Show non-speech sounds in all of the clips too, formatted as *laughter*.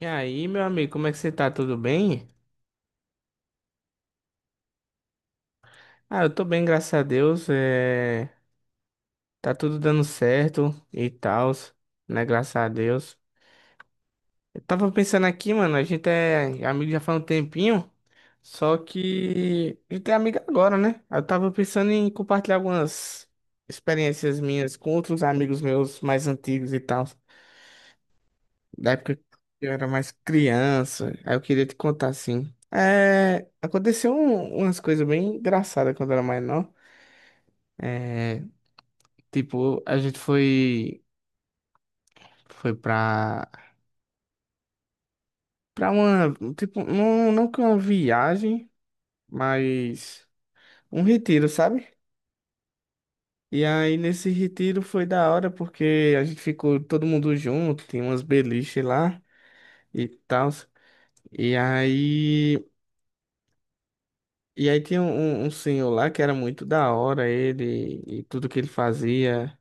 E aí, meu amigo, como é que você tá? Tudo bem? Ah, eu tô bem, graças a Deus. Tá tudo dando certo e tal, né? Graças a Deus. Eu tava pensando aqui, mano, a gente é amigo já faz um tempinho, só que a gente é amigo agora, né? Eu tava pensando em compartilhar algumas experiências minhas com outros amigos meus mais antigos e tal, da época que eu era mais criança. Aí eu queria te contar assim. Aconteceu umas coisas bem engraçadas quando eu era mais novo. É, tipo, a gente foi pra para uma, tipo, não, não que uma viagem, mas um retiro, sabe? E aí nesse retiro foi da hora porque a gente ficou todo mundo junto, tinha umas beliche lá e tal. E aí e aí tinha um senhor lá que era muito da hora, ele, e tudo que ele fazia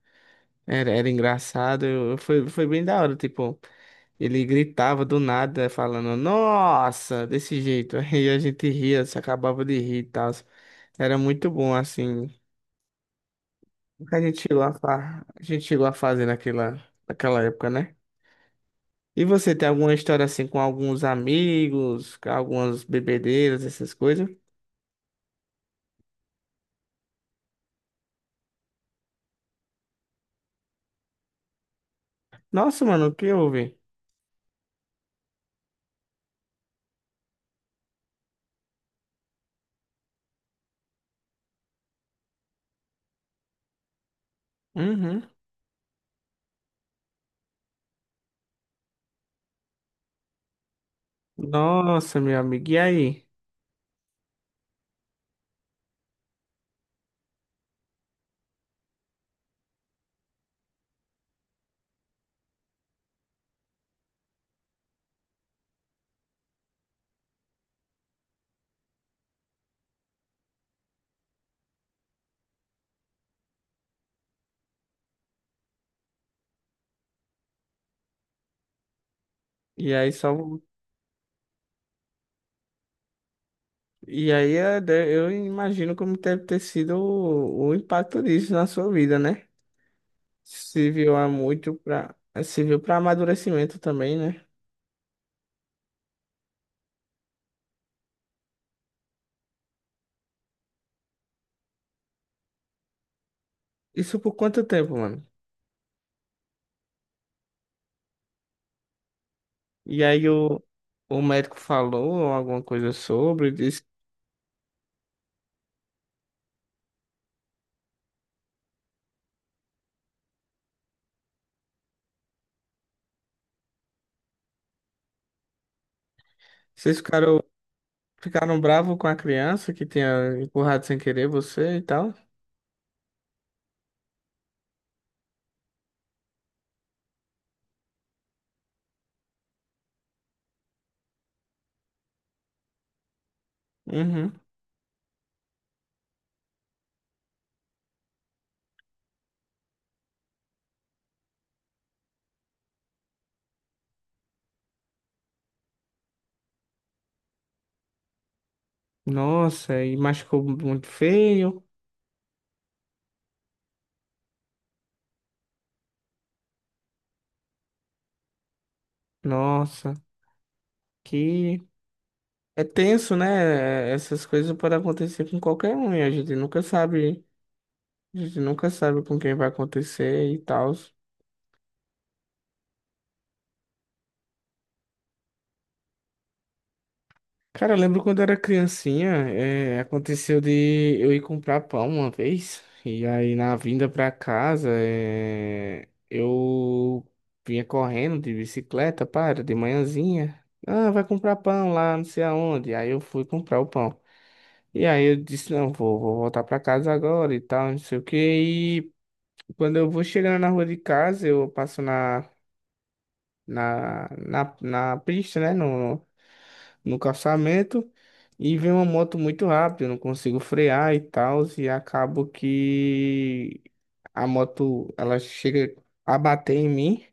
era, era engraçado. Foi bem da hora, tipo. Ele gritava do nada, falando, nossa, desse jeito. *laughs* Aí a gente ria, se acabava de rir e tal. Era muito bom, assim. O que a gente chegou a, a gente chegou a fazer naquela... naquela época, né? E você tem alguma história assim com alguns amigos, com algumas bebedeiras, essas coisas? Nossa, mano, o que houve? Uhum. Nossa, meu amigo, e aí? E aí só. E aí eu imagino como deve ter sido o impacto disso na sua vida, né? Serviu há muito pra. Serviu pra amadurecimento também, né? Isso por quanto tempo, mano? E aí o médico falou alguma coisa sobre, disse. Vocês ficaram, ficaram bravos com a criança que tinha empurrado sem querer você e tal? Uhum. Nossa, e machucou muito feio. Nossa, que. É tenso, né? Essas coisas podem acontecer com qualquer um e a gente nunca sabe. A gente nunca sabe com quem vai acontecer e tal. Cara, eu lembro quando eu era criancinha, aconteceu de eu ir comprar pão uma vez, e aí na vinda pra casa, eu vinha correndo de bicicleta, para, de manhãzinha. Ah, vai comprar pão lá, não sei aonde. Aí eu fui comprar o pão. E aí eu disse, não, vou, vou voltar pra casa agora e tal, não sei o quê. E quando eu vou chegando na rua de casa, eu passo na pista, né? No calçamento e vem uma moto muito rápida, eu não consigo frear e tal, e acabo que a moto ela chega a bater em mim,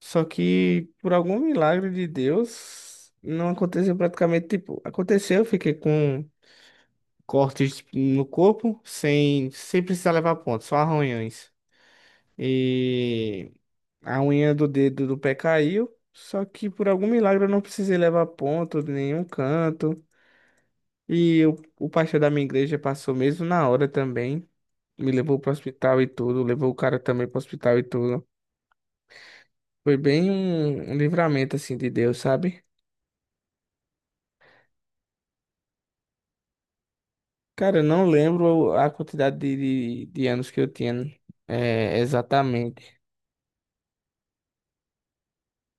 só que por algum milagre de Deus não aconteceu praticamente, tipo, aconteceu, eu fiquei com cortes no corpo sem precisar levar ponto, só arranhões. E a unha do dedo do pé caiu. Só que por algum milagre eu não precisei levar ponto de nenhum canto. E o pastor da minha igreja passou mesmo na hora também. Me levou pro hospital e tudo. Levou o cara também pro hospital e tudo. Foi bem um, um livramento assim de Deus, sabe? Cara, eu não lembro a quantidade de anos que eu tinha exatamente.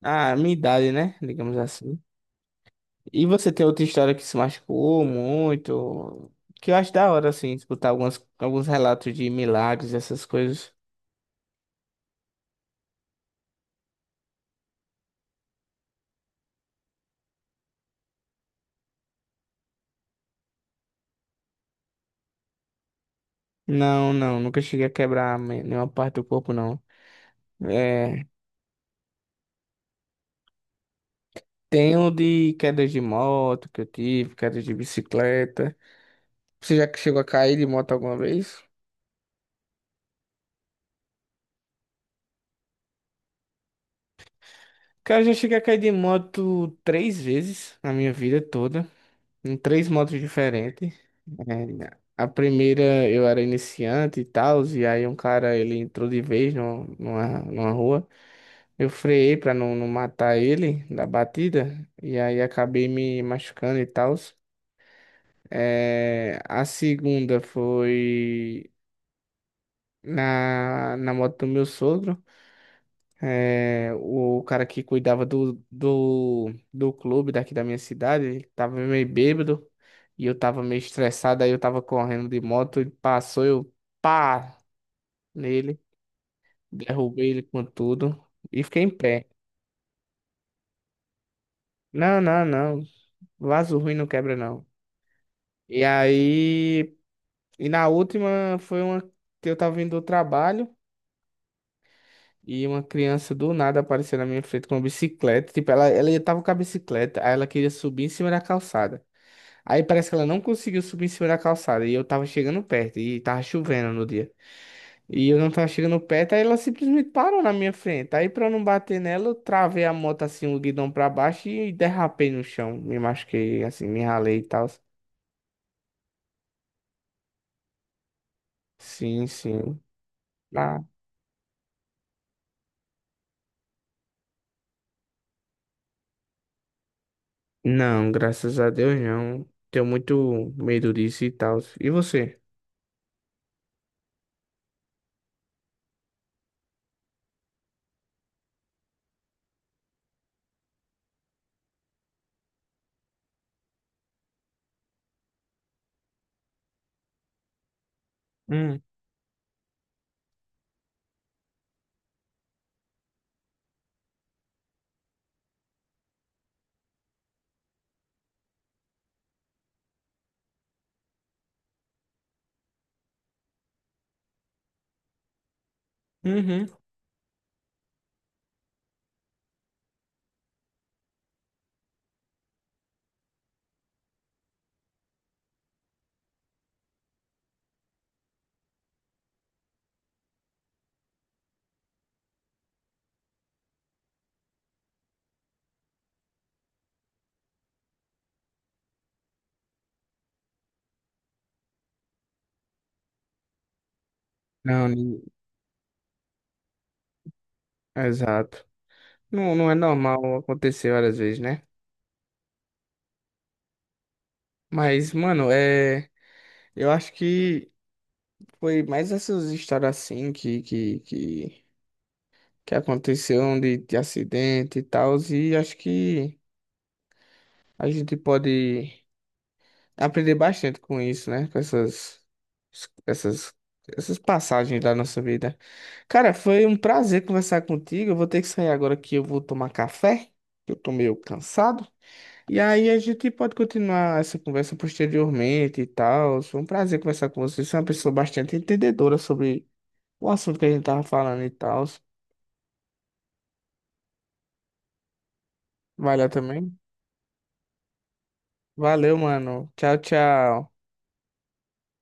A minha idade, né? Digamos assim. E você tem outra história que se machucou muito? Que eu acho da hora, assim, escutar algumas, alguns relatos de milagres, essas coisas. Não, não, nunca cheguei a quebrar nenhuma parte do corpo, não. É, tem o de quedas de moto que eu tive, quedas de bicicleta. Você já chegou a cair de moto alguma vez? Cara, eu já cheguei a cair de moto três vezes na minha vida toda, em três motos diferentes. É, a primeira eu era iniciante e tal, e aí um cara ele entrou de vez no, numa rua. Eu freiei pra não, não matar ele da batida, e aí acabei me machucando e tal. A segunda foi na, na moto do meu sogro. O cara que cuidava do, do clube daqui da minha cidade, ele tava meio bêbado e eu tava meio estressado, aí eu tava correndo de moto, ele passou, eu pá nele, derrubei ele com tudo e fiquei em pé. Não, não, não, vaso ruim não quebra não. E aí, e na última foi uma que eu tava vindo do trabalho. E uma criança do nada apareceu na minha frente com uma bicicleta. Tipo, ela tava com a bicicleta, aí ela queria subir em cima da calçada. Aí parece que ela não conseguiu subir em cima da calçada. E eu tava chegando perto, e tava chovendo no dia. E eu não tava chegando perto, aí ela simplesmente parou na minha frente. Aí pra eu não bater nela, eu travei a moto assim, o guidão pra baixo e derrapei no chão. Me machuquei, assim, me ralei e tal. Sim, sim. Ah, não, graças a Deus não. Tenho muito medo disso e tal. E você? Hum. Uhum. Não, nin- exato. Não, não é normal acontecer várias vezes, né? Mas, mano, eu acho que foi mais essas histórias assim que aconteceram de acidente e tal, e acho que a gente pode aprender bastante com isso, né? Com essas, essas passagens da nossa vida. Cara, foi um prazer conversar contigo. Eu vou ter que sair agora que eu vou tomar café, que eu tô meio cansado. E aí a gente pode continuar essa conversa posteriormente e tal. Foi um prazer conversar com você. Você é uma pessoa bastante entendedora sobre o assunto que a gente tava falando e tal. Vai lá também. Valeu, mano. Tchau, tchau.